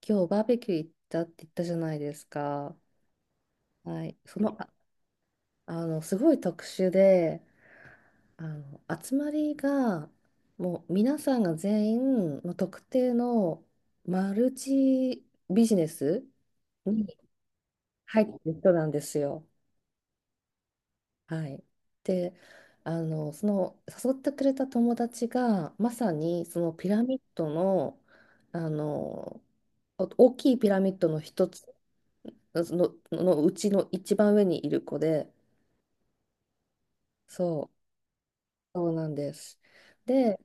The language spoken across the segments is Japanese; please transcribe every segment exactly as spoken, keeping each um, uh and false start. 今日バーベキュー行ったって言ったじゃないですか。はい。その、あ、あの、すごい特殊で、あの、集まりが、もう皆さんが全員、もう特定のマルチビジネスに入ってる人なんですよ。はい。で、あの、その、誘ってくれた友達が、まさにそのピラミッドの、あの、お大きいピラミッドの一つその、のうちの一番上にいる子で、そう、そうなんです。で、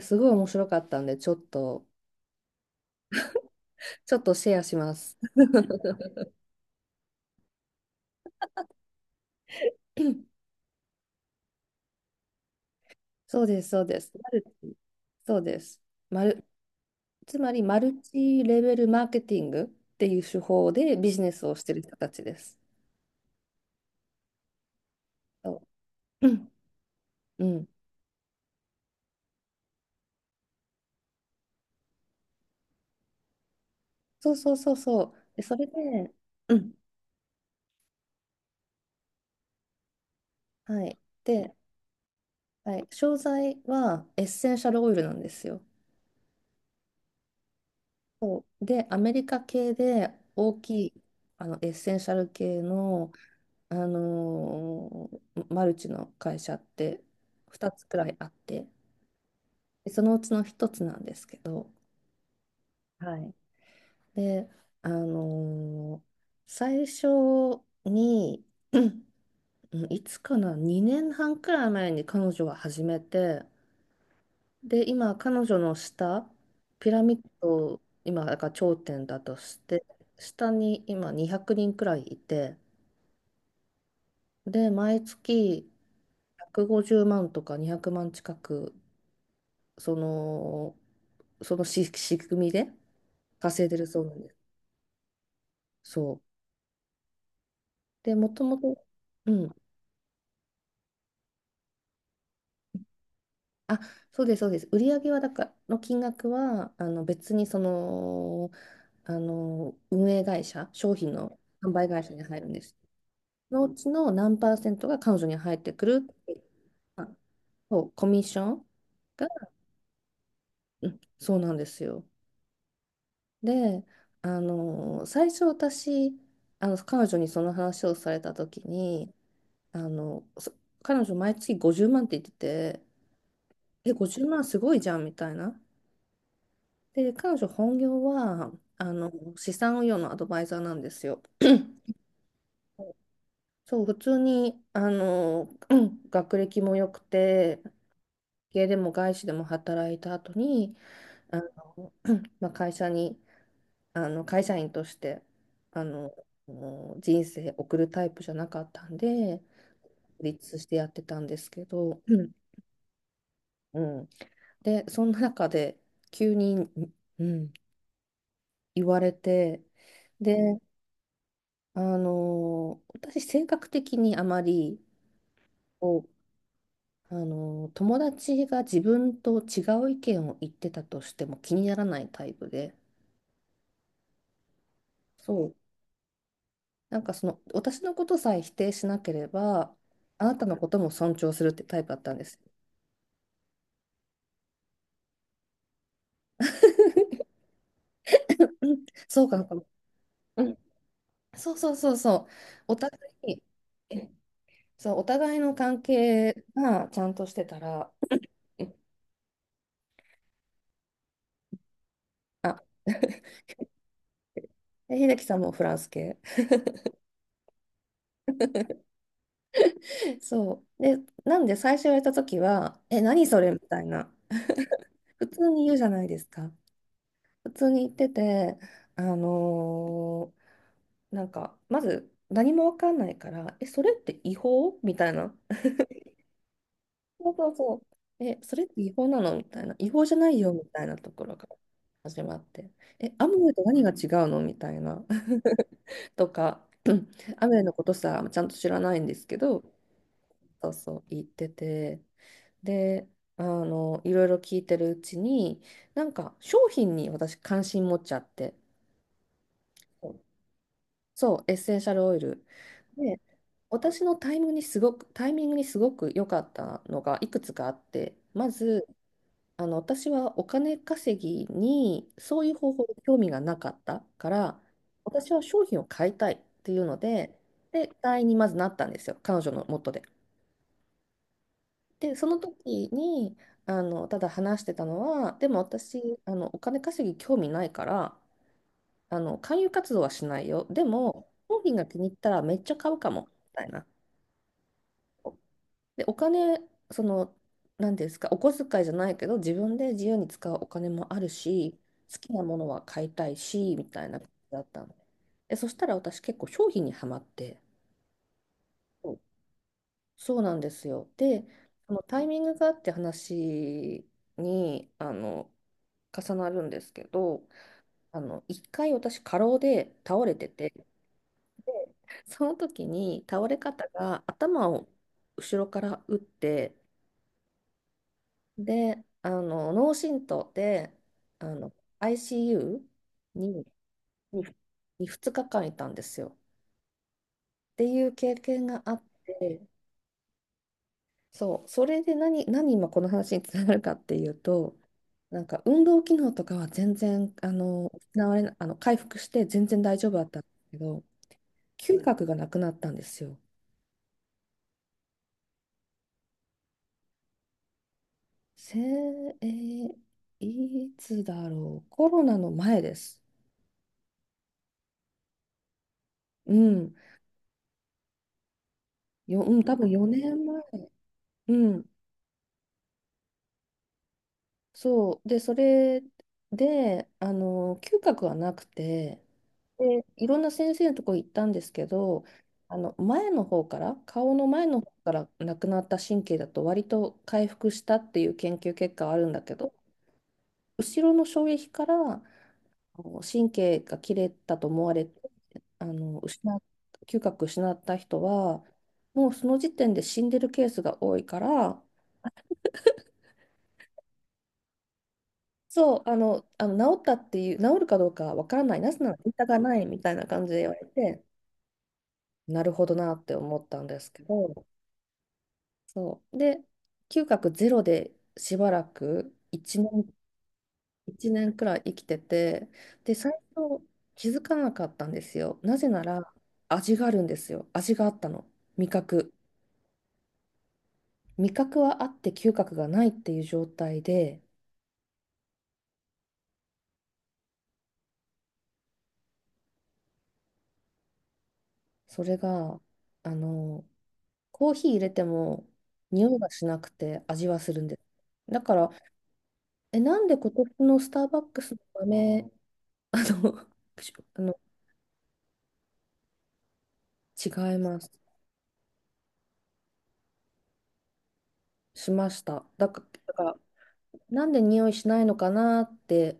すごい面白かったんで、ちょっと、ちょっとシェアします。そうです、そうです。マルチそうです。マル、つまり、マルチレベルマーケティングっていう手法でビジネスをしてる人たちです。そう、うんうん、そうそうそうそう。で、それで、うん、はい。で、はい、商材はエッセンシャルオイルなんですよ。そうで、アメリカ系で大きいあのエッセンシャル系の、あのーマルチの会社ってふたつくらいあって、でそのうちのひとつなんですけど、はい。で、あのー最初に、うんいつかな、にねんはんくらい前に彼女が始めて、で、今、彼女の下、ピラミッド、今、だから頂点だとして、下に今にひゃくにんくにんくらいいて、で、毎月ひゃくごじゅうまんとかにひゃくまん近く、その、そのし仕組みで稼いでるそうなんです。そう。で、もともと、うん。あ、そうです、そうです。売上はだからの金額は、あの別にその、あの、運営会社、商品の販売会社に入るんです。のうちの何パーセントが彼女に入ってくるっていう、まあそう、コミッションが、うん、そうなんですよ。で、あの、最初私、あの、彼女にその話をされた時に、あの、そ彼女毎月ごじゅうまんって言ってて、え、ごじゅうまんすごいじゃんみたいな。で、彼女本業は、あの、資産運用のアドバイザーなんですよ。そう、普通に、あの、うん学歴も良くて、家でも外資でも働いた後に、あの、うんまあ、会社にあの会社員としてあのもう人生送るタイプじゃなかったんで、孤立してやってたんですけど、うんうん、でそんな中で急に、うん言われて、で、あの私性格的にあまりこうあの友達が自分と違う意見を言ってたとしても気にならないタイプで。そう、なんかその私のことさえ否定しなければ、あなたのことも尊重するってタイプだったんです。うん、そうかな、うん、そうそうそうそう。お互い、えそう、お互いの関係がちゃんとしてたら、あ、で秀樹さんもフランス系。そう。で、なんで最初言われた時は、え、何それみたいな。普通に言うじゃないですか。普通に言ってて、あのーなんか、まず何もわかんないから、え、それって違法みたいな。そうそうそう。え、それって違法なのみたいな。違法じゃないよみたいなところから始まって。え、アムウェイと何が違うのみたいな。とか、うんアムウェイのことさ、ちゃんと知らないんですけど、そうそう、言ってて。で、あの、いろいろ聞いてるうちに、なんか商品に私関心持っちゃって。そう、エッセンシャルオイル。で、私のタイムにすごく、タイミングにすごく良かったのがいくつかあって、まず、あの、私はお金稼ぎにそういう方法で興味がなかったから、私は商品を買いたいっていうので、で、会員にまずなったんですよ、彼女の元で。で、その時に、あの、ただ話してたのは、でも私、あの、お金稼ぎ興味ないから、あの、勧誘活動はしないよ。でも、商品が気に入ったらめっちゃ買うかも、みたいな。で、お金、その、何ですか、お小遣いじゃないけど、自分で自由に使うお金もあるし、好きなものは買いたいし、みたいな感じだったの。で、そしたら私結構商品にはまって、そう、そうなんですよ。で、そのタイミングがあって話に、あの、重なるんですけど、あの、一回私過労で倒れてて、その時に倒れ方が頭を後ろから打って、で、あの脳震盪であの アイシーユー に、にふつかかんいたんですよ。っていう経験があって、そう、それで何、何今この話につながるかっていうと、なんか運動機能とかは全然あの失われなあの回復して全然大丈夫だったんですけど、嗅覚がなくなったんですよ。せ、えーいつだろう。コロナの前です。うん。よ、うん、多分よねんまえ。うん。そう。で、それで、あの、嗅覚はなくて、で、いろんな先生のとこ行ったんですけど、あの、前の方から、顔の前の方からなくなった神経だと割と回復したっていう研究結果はあるんだけど、後ろの衝撃からあの神経が切れたと思われて、あの失っ嗅覚失った人はもうその時点で死んでるケースが多いから、そう、あの、あの治ったっていう治るかどうかわからない、なぜならデータがないみたいな感じで言われて、なるほどなって思ったんですけど、そうで嗅覚ゼロでしばらくいちねん、一年くらい生きてて、で最初気づかなかったんですよ。なぜなら味があるんですよ。味があったの。味覚味覚はあって嗅覚がないっていう状態で、それが、あの、コーヒー入れても匂いがしなくて味はするんです。だから、え、なんで今年のスターバックスの豆、あの、しあの、違います。しました。だから、だからなんで匂いしないのかなって、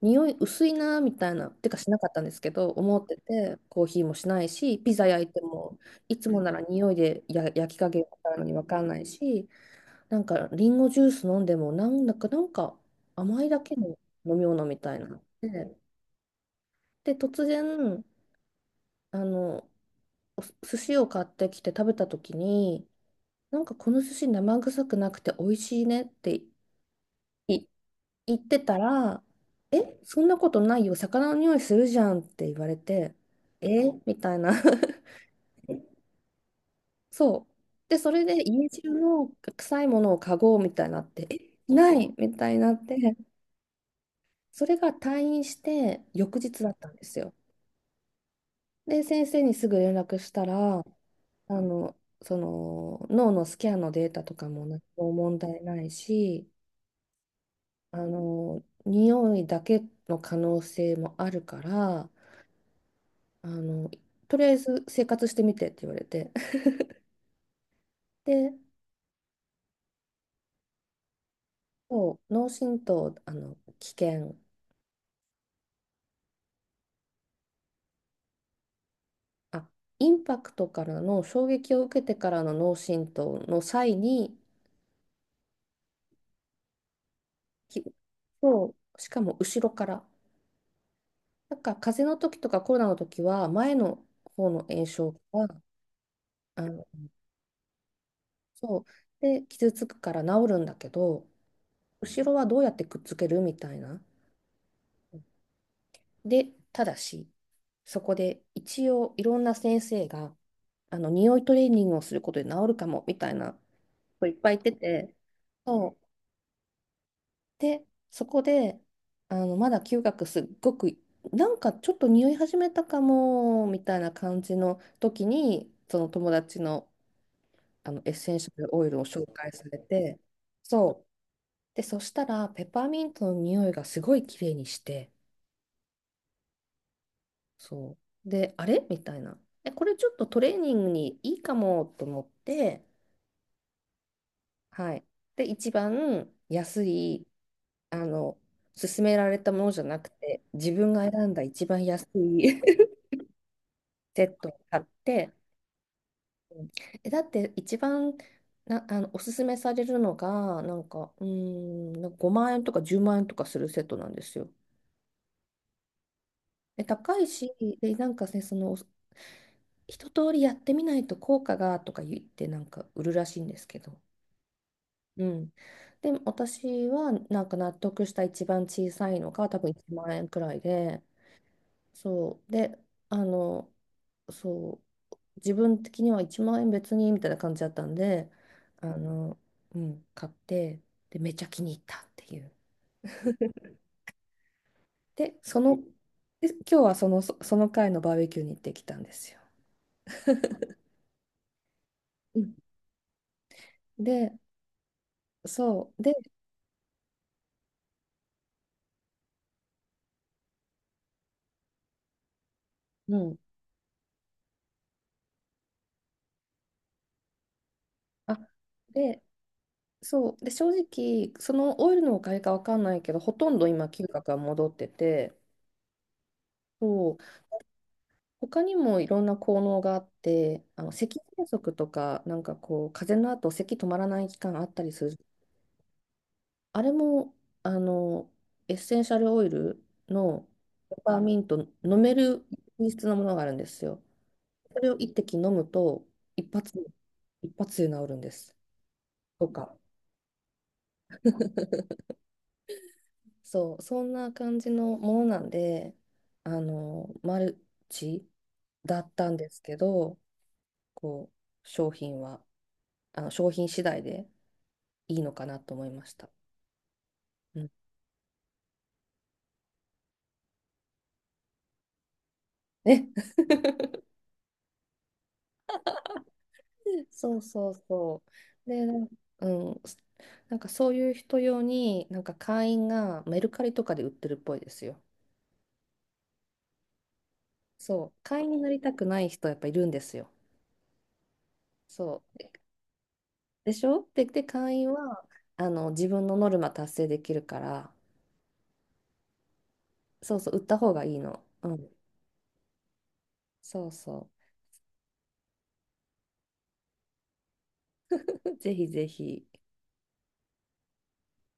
匂い薄いなみたいな、てかしなかったんですけど、思ってて、コーヒーもしないし、ピザ焼いても、いつもなら匂いでや焼き加減わかるのにわかんないし、なんかリンゴジュース飲んでもなんだかなんか甘いだけの飲み物みたいな。で、で突然あのお寿司を買ってきて食べた時に、なんかこの寿司生臭くなくて美味しいねってい言ってたら、「えそんなことないよ、魚の匂いするじゃん」って言われて、「え」みたいな。 そうで、それで家中の臭いものを嗅ごうみたいになって、「えない」みたいになって、それが退院して翌日だったんですよ。で、先生にすぐ連絡したら、あの、その脳のスキャンのデータとかも何も問題ないし、あの、匂いだけの可能性もあるから、あの、とりあえず生活してみてって言われて。で、そう、脳震盪、あの、危険、あ、インパクトからの衝撃を受けてからの脳震盪の際に、きそう、しかも後ろから。なんか風邪の時とかコロナの時は前の方の炎症があのそうで傷つくから治るんだけど、後ろはどうやってくっつけるみたいな。で、ただし、そこで一応いろんな先生があの匂いトレーニングをすることで治るかもみたいなこといっぱい言ってて、そうで、そこであのまだ嗅覚すっごく、なんかちょっと匂い始めたかもみたいな感じの時に、その友達のあのエッセンシャルオイルを紹介されて、そう。で、そしたら、ペパーミントの匂いがすごい綺麗にして、そう。で、あれみたいな。え、これちょっとトレーニングにいいかもと思って、はい。で、一番安い、あの、勧められたものじゃなくて、自分が選んだ一番安い セットを買って、え、だって一番な、あの、おすすめされるのが、なんか、うーん、なんかごまん円とかじゅうまん円とかするセットなんですよ。え、高いし、で、なんかね、その、一通りやってみないと効果がとか言ってなんか売るらしいんですけど。うん。で、私はなんか納得した一番小さいのが多分いちまん円くらいで、そう。で、あの、そう。自分的にはいちまん円別にみたいな感じだったんで、あの、うん、買って、で、めっちゃ気に入ったっていう。で、その、で、今日はその、そその回のバーベキューに行ってきたんですよ。うんで、そう、で、うん、あ、で、そう、で、正直、そのオイルのおかげかわかんないけど、ほとんど今、嗅覚が戻ってて、そう、他にもいろんな効能があって、あの、咳喘息とか、なんかこう、風邪の後、咳止まらない期間あったりするあれも、あの、エッセンシャルオイルのペパーミント、飲める品質のものがあるんですよ。それを一滴飲むと、一発で、一発で治るんです。とか。そう、そんな感じのものなんで、あの、マルチだったんですけど、こう、商品は、あの、商品次第でいいのかなと思いました。うん。ね、そうそうそう。で、なんうん、なんかそういう人用に、なんか会員がメルカリとかで売ってるっぽいですよ。そう、会員になりたくない人やっぱいるんですよ。そう。でしょで、で、会員はあの自分のノルマ達成できるから、そうそう、売った方がいいの。うん。そうそう。ぜひぜひ。